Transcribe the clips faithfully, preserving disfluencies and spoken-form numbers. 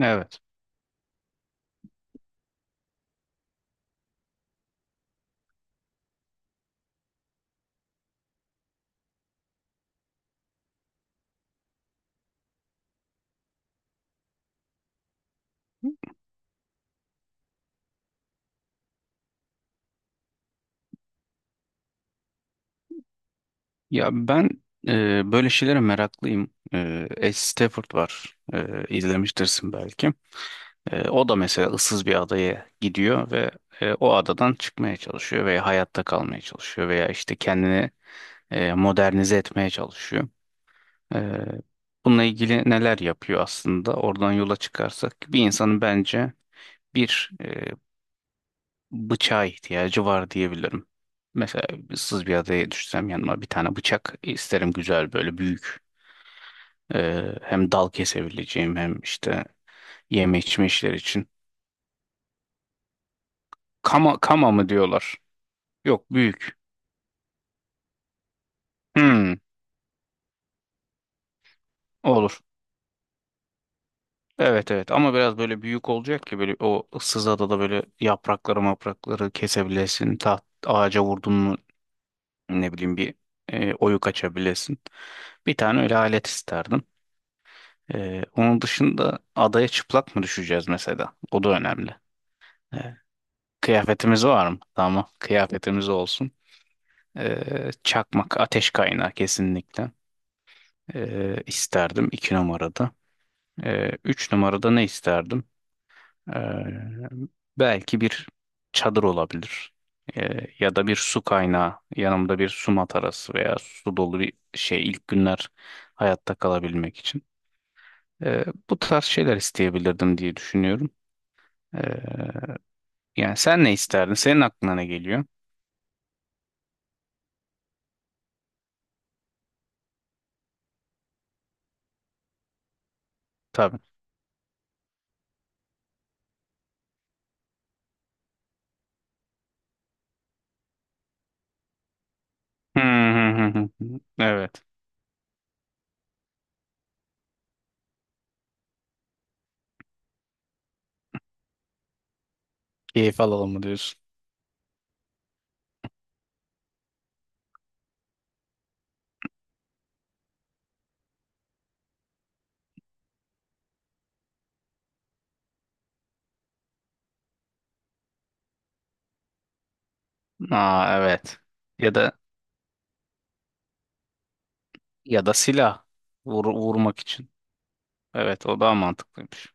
Evet. Ya ben e, böyle şeylere meraklıyım. E, Ed Stafford var. E, izlemiştirsin belki. E, o da mesela ıssız bir adaya gidiyor ve e, o adadan çıkmaya çalışıyor veya hayatta kalmaya çalışıyor veya işte kendini e, modernize etmeye çalışıyor. E, Bununla ilgili neler yapıyor aslında? Oradan yola çıkarsak bir insanın bence bir e, bıçağa ihtiyacı var diyebilirim. Mesela ıssız bir adaya düşsem yanıma bir tane bıçak isterim, güzel böyle büyük. Ee, hem dal kesebileceğim hem işte yeme içme işleri için. Kama, kama mı diyorlar? Yok, büyük. Hmm, olur. Evet, evet, ama biraz böyle büyük olacak ki böyle o ıssız adada böyle yaprakları maprakları kesebilesin. Taht, ağaca vurdun mu ne bileyim bir e, oyuk açabilesin. Bir tane öyle alet isterdim. Ee, onun dışında adaya çıplak mı düşeceğiz mesela? O da önemli. Ee, Kıyafetimiz var mı? Tamam, kıyafetimiz olsun. Ee, çakmak, ateş kaynağı kesinlikle. Ee, isterdim iki numarada. Ee, üç numarada ne isterdim? Ee, Belki bir çadır olabilir. Ee, ya da bir su kaynağı. Yanımda bir su matarası veya su dolu bir şey ilk günler hayatta kalabilmek için. Ee, Bu tarz şeyler isteyebilirdim diye düşünüyorum. Ee, Yani sen ne isterdin? Senin aklına ne geliyor? Tabii. Hı hı, hı hı, hı. Evet. Keyif alalım mı diyorsun? Aa, evet. Ya da ya da silah. Vur- vurmak için. Evet, o daha mantıklıymış.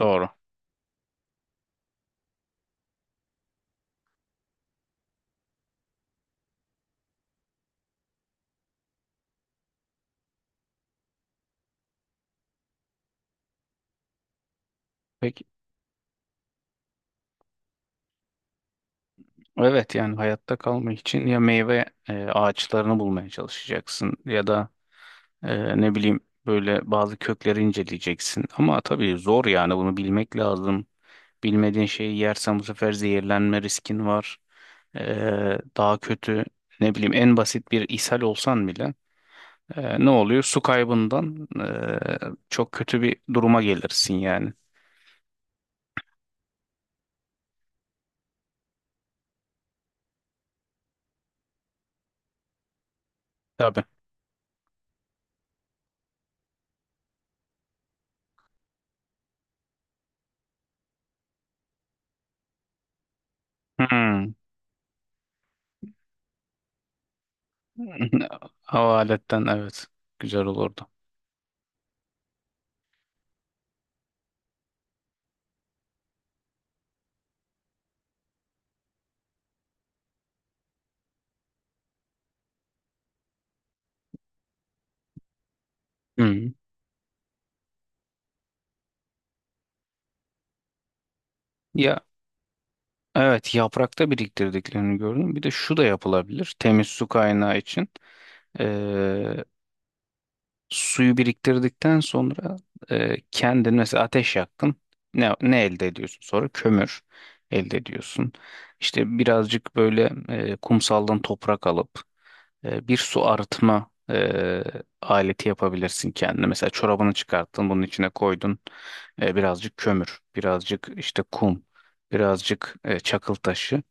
Doğru. Peki, evet, yani hayatta kalmak için ya meyve e, ağaçlarını bulmaya çalışacaksın ya da e, ne bileyim böyle bazı kökleri inceleyeceksin. Ama tabii zor, yani bunu bilmek lazım. Bilmediğin şeyi yersen bu sefer zehirlenme riskin var. Ee, daha kötü, ne bileyim en basit bir ishal olsan bile e, ne oluyor? Su kaybından e, çok kötü bir duruma gelirsin yani. Tabii. Hmm. Hava aletten, evet. Güzel olurdu. Hmm. Ya, evet, yaprakta biriktirdiklerini gördüm. Bir de şu da yapılabilir temiz su kaynağı için. Ee, Suyu biriktirdikten sonra e, kendin mesela ateş yaktın. Ne, ne elde ediyorsun sonra? Kömür elde ediyorsun. İşte birazcık böyle e, kumsaldan toprak alıp e, bir su arıtma e, aleti yapabilirsin kendine. Mesela çorabını çıkarttın, bunun içine koydun. E, birazcık kömür, birazcık işte kum, birazcık e, çakıl taşı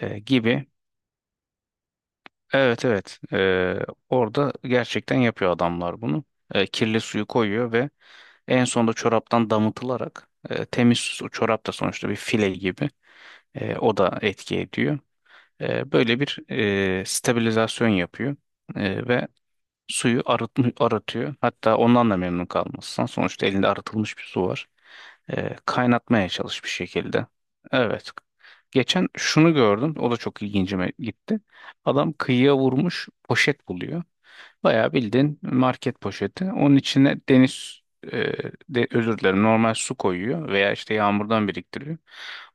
e, gibi. Evet, evet. Ee, orada gerçekten yapıyor adamlar bunu. Ee, kirli suyu koyuyor ve en sonunda çoraptan damıtılarak e, temiz su, çorap da sonuçta bir file gibi, e, o da etki ediyor. E, böyle bir e, stabilizasyon yapıyor. E, ve suyu arıtm- arıtıyor. Hatta ondan da memnun kalmazsan, sonuçta elinde arıtılmış bir su var. Ee, kaynatmaya çalış bir şekilde. Evet. Geçen şunu gördüm. O da çok ilgincime gitti. Adam kıyıya vurmuş, poşet buluyor. Bayağı bildiğin market poşeti. Onun içine deniz e, de, özür dilerim, normal su koyuyor veya işte yağmurdan biriktiriyor.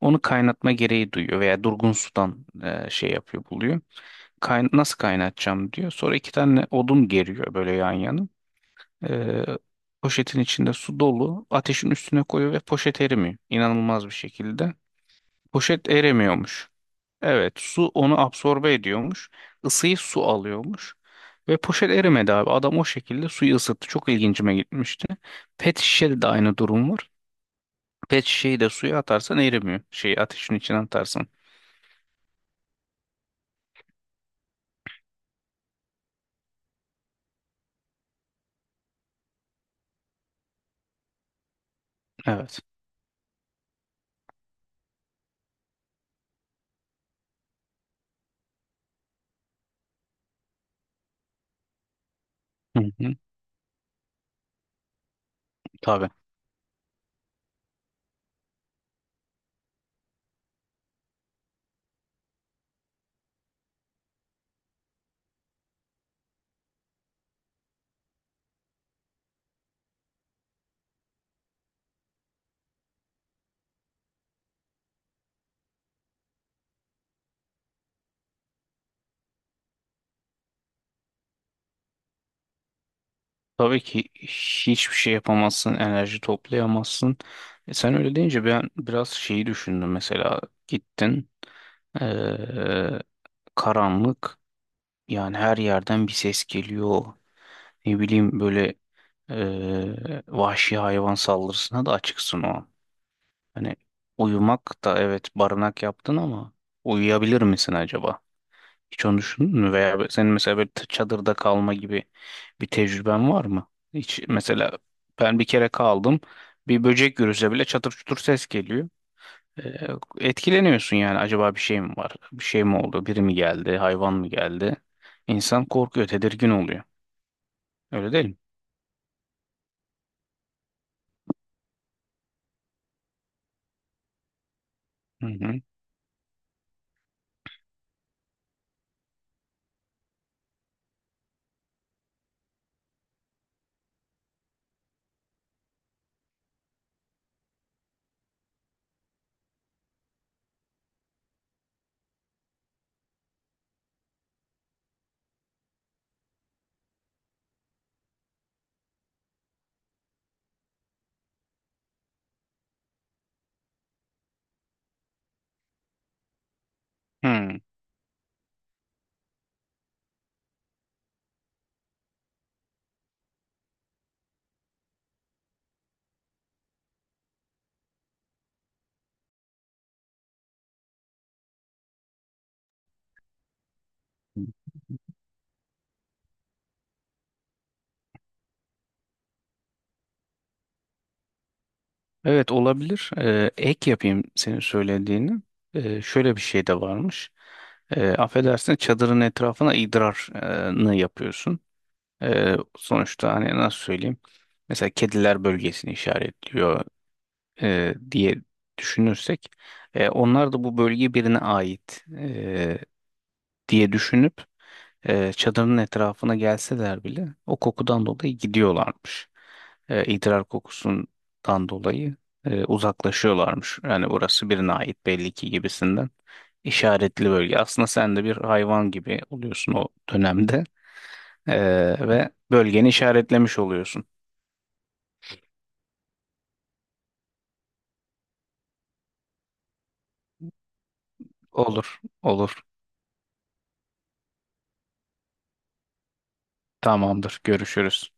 Onu kaynatma gereği duyuyor veya durgun sudan e, şey yapıyor, buluyor, kayn- nasıl kaynatacağım diyor. Sonra iki tane odun geriyor böyle yan yana. Ee, Poşetin içinde su dolu. Ateşin üstüne koyuyor ve poşet erimiyor, İnanılmaz bir şekilde. Poşet eremiyormuş. Evet, su onu absorbe ediyormuş. Isıyı su alıyormuş. Ve poşet erimedi abi. Adam o şekilde suyu ısıttı. Çok ilgincime gitmişti. Pet şişede de aynı durum var. Pet şişeyi de suya atarsan erimiyor. Şeyi ateşin içine atarsan. Evet. Hı hı. Tabii. Tabii ki hiçbir şey yapamazsın, enerji toplayamazsın. E sen öyle deyince ben biraz şeyi düşündüm. Mesela gittin, eee, karanlık, yani her yerden bir ses geliyor. Ne bileyim böyle eee, vahşi hayvan saldırısına da açıksın o an. Hani uyumak, da evet barınak yaptın ama uyuyabilir misin acaba? Hiç onu düşündün mü? Veya senin mesela böyle t- çadırda kalma gibi bir tecrüben var mı? Hiç mesela, ben bir kere kaldım. Bir böcek görürse bile çatır çutur ses geliyor. Ee, Etkileniyorsun yani. Acaba bir şey mi var? Bir şey mi oldu? Biri mi geldi? Hayvan mı geldi? İnsan korkuyor, tedirgin oluyor. Öyle değil mi? Hı hı. Hı. Evet, olabilir. Ee, ek yapayım senin söylediğini. Ee, şöyle bir şey de varmış. Ee, affedersin, çadırın etrafına idrarını yapıyorsun. Ee, sonuçta hani nasıl söyleyeyim? Mesela kediler bölgesini işaretliyor e, diye düşünürsek, e, onlar da bu bölge birine ait e, diye düşünüp e, çadırın etrafına gelseler bile o kokudan dolayı gidiyorlarmış. E, idrar kokusundan dolayı e, uzaklaşıyorlarmış. Yani burası birine ait belli ki, gibisinden işaretli bölge. Aslında sen de bir hayvan gibi oluyorsun o dönemde, eee, ve bölgeni işaretlemiş oluyorsun. Olur, olur. Tamamdır. Görüşürüz.